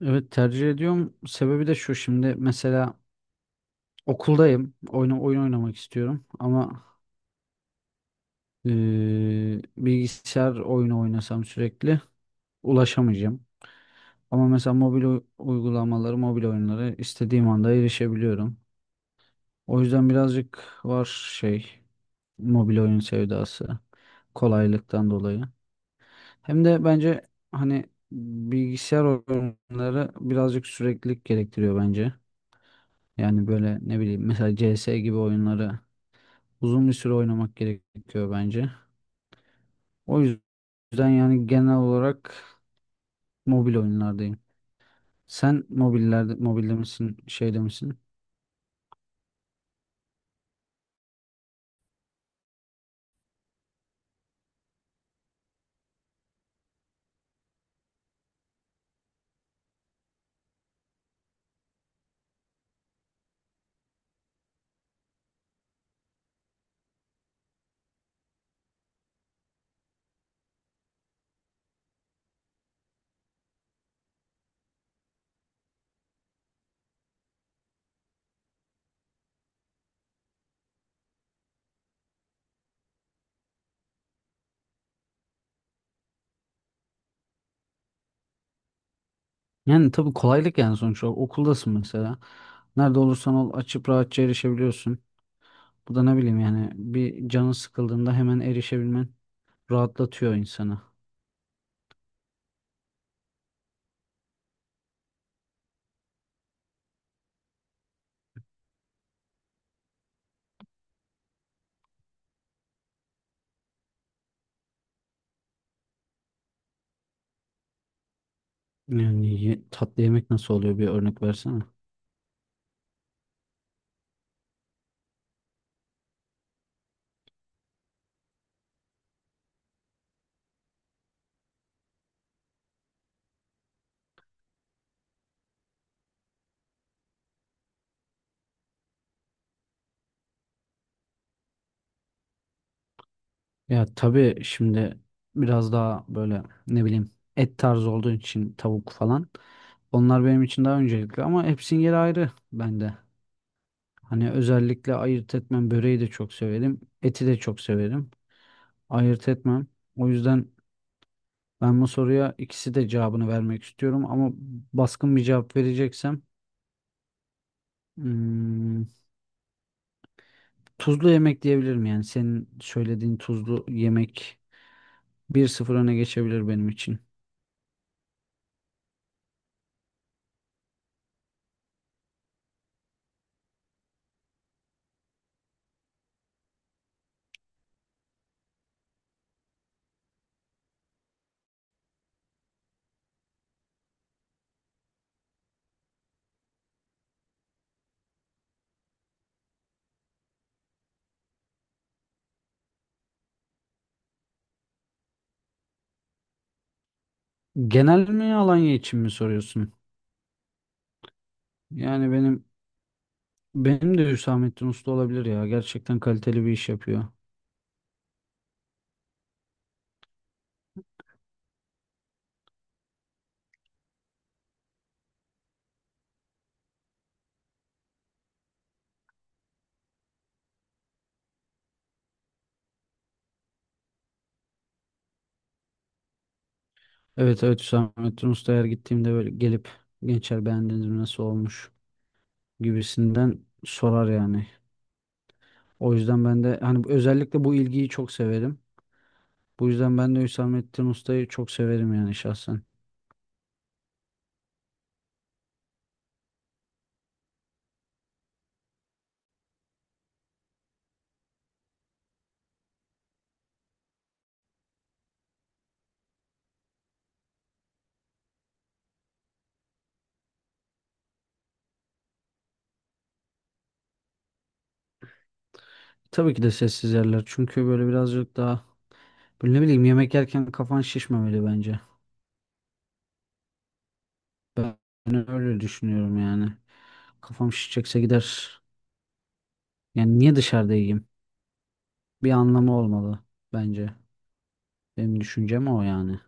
Evet tercih ediyorum. Sebebi de şu, şimdi mesela okuldayım. Oyun oynamak istiyorum ama bilgisayar oyunu oynasam sürekli ulaşamayacağım. Ama mesela mobil uygulamaları, mobil oyunları istediğim anda erişebiliyorum. O yüzden birazcık var şey mobil oyun sevdası, kolaylıktan dolayı. Hem de bence hani bilgisayar oyunları birazcık süreklilik gerektiriyor bence. Yani böyle ne bileyim mesela CS gibi oyunları uzun bir süre oynamak gerekiyor bence. O yüzden yani genel olarak mobil oyunlardayım. Sen mobillerde, mobilde misin, şeyde misin? Yani tabii kolaylık yani sonuç olarak. Okuldasın mesela. Nerede olursan ol açıp rahatça erişebiliyorsun. Bu da ne bileyim yani bir canı sıkıldığında hemen erişebilmen rahatlatıyor insanı. Tatlı yemek nasıl oluyor, bir örnek versene. Ya tabii şimdi biraz daha böyle ne bileyim et tarzı olduğu için tavuk falan. Onlar benim için daha öncelikli ama hepsinin yeri ayrı bende. Hani özellikle ayırt etmem, böreği de çok severim. Eti de çok severim. Ayırt etmem. O yüzden ben bu soruya ikisi de cevabını vermek istiyorum ama baskın bir cevap vereceksem hmm, tuzlu yemek diyebilirim. Yani senin söylediğin tuzlu yemek bir sıfır öne geçebilir benim için. Genel mi, Alanya için mi soruyorsun? Yani benim de Hüsamettin Usta olabilir ya. Gerçekten kaliteli bir iş yapıyor. Evet, evet, Hüsamettin Usta eğer gittiğimde böyle gelip "gençler, beğendiniz mi, nasıl olmuş" gibisinden sorar yani. O yüzden ben de hani özellikle bu ilgiyi çok severim. Bu yüzden ben de Hüsamettin Usta'yı çok severim yani şahsen. Tabii ki de sessiz yerler, çünkü böyle birazcık daha böyle ne bileyim yemek yerken kafan şişmemeli bence. Ben öyle düşünüyorum yani. Kafam şişecekse gider. Yani niye dışarıda yiyeyim? Bir anlamı olmalı bence. Benim düşüncem o yani.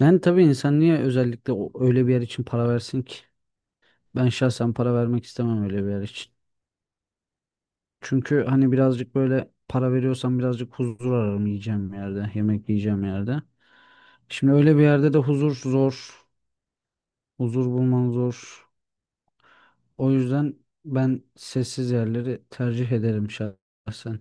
Yani tabii insan niye özellikle öyle bir yer için para versin ki? Ben şahsen para vermek istemem öyle bir yer için. Çünkü hani birazcık böyle para veriyorsam birazcık huzur ararım yiyeceğim yerde, yemek yiyeceğim yerde. Şimdi öyle bir yerde de huzur zor, huzur bulman zor. O yüzden ben sessiz yerleri tercih ederim şahsen.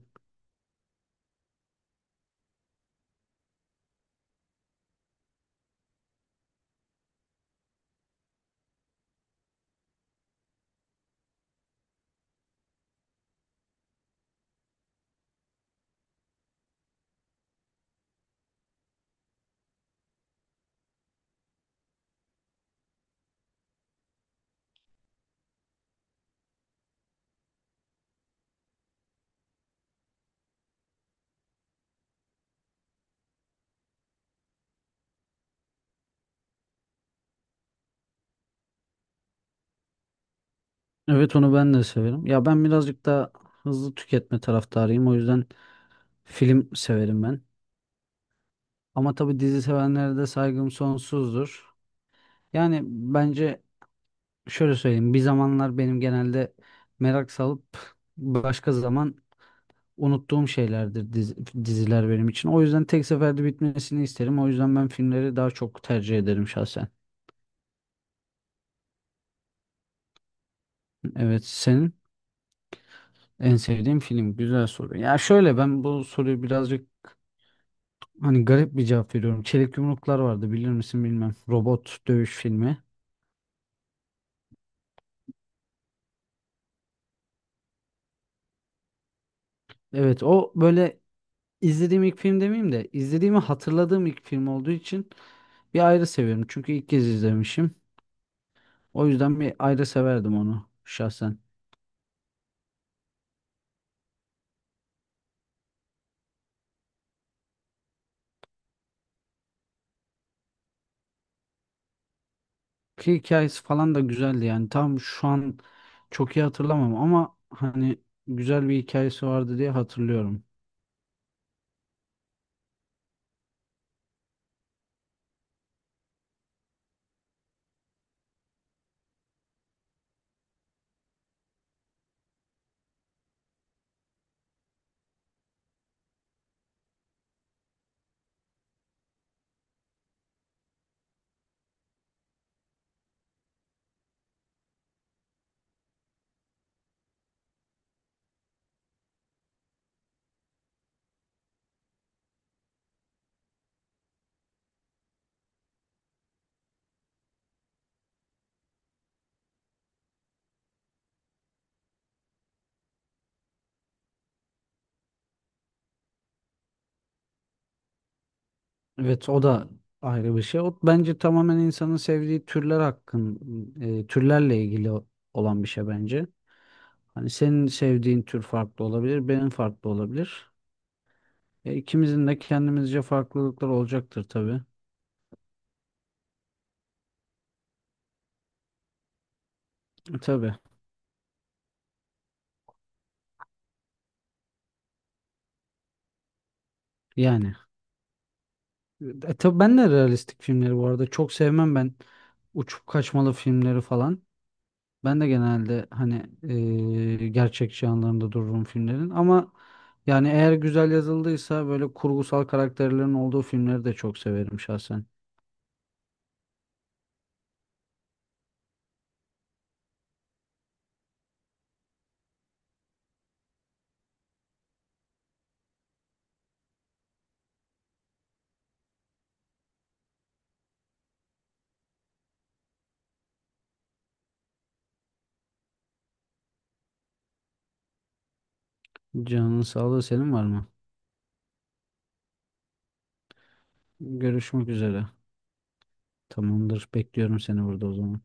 Evet, onu ben de severim. Ya ben birazcık daha hızlı tüketme taraftarıyım. O yüzden film severim ben. Ama tabii dizi sevenlere de saygım sonsuzdur. Yani bence şöyle söyleyeyim. Bir zamanlar benim genelde merak salıp başka zaman unuttuğum şeylerdir diziler benim için. O yüzden tek seferde bitmesini isterim. O yüzden ben filmleri daha çok tercih ederim şahsen. Evet, senin en sevdiğin film. Güzel soru. Ya şöyle, ben bu soruyu birazcık hani garip bir cevap veriyorum. Çelik Yumruklar vardı, bilir misin bilmem. Robot dövüş filmi. Evet, o böyle İzlediğim ilk film demeyeyim de izlediğimi hatırladığım ilk film olduğu için bir ayrı seviyorum. Çünkü ilk kez izlemişim. O yüzden bir ayrı severdim onu şahsen. Ki hikayesi falan da güzeldi yani. Tam şu an çok iyi hatırlamam ama hani güzel bir hikayesi vardı diye hatırlıyorum. Evet, o da ayrı bir şey. O bence tamamen insanın sevdiği türler türlerle ilgili olan bir şey bence. Hani senin sevdiğin tür farklı olabilir, benim farklı olabilir. İkimizin de kendimizce farklılıklar olacaktır tabii. Tabii yani. Tabii ben de realistik filmleri bu arada çok sevmem, ben uçup kaçmalı filmleri falan. Ben de genelde hani gerçekçi yanlarında dururum filmlerin ama yani eğer güzel yazıldıysa böyle kurgusal karakterlerin olduğu filmleri de çok severim şahsen. Canın sağlığı, senin var mı? Görüşmek üzere. Tamamdır. Bekliyorum seni burada o zaman.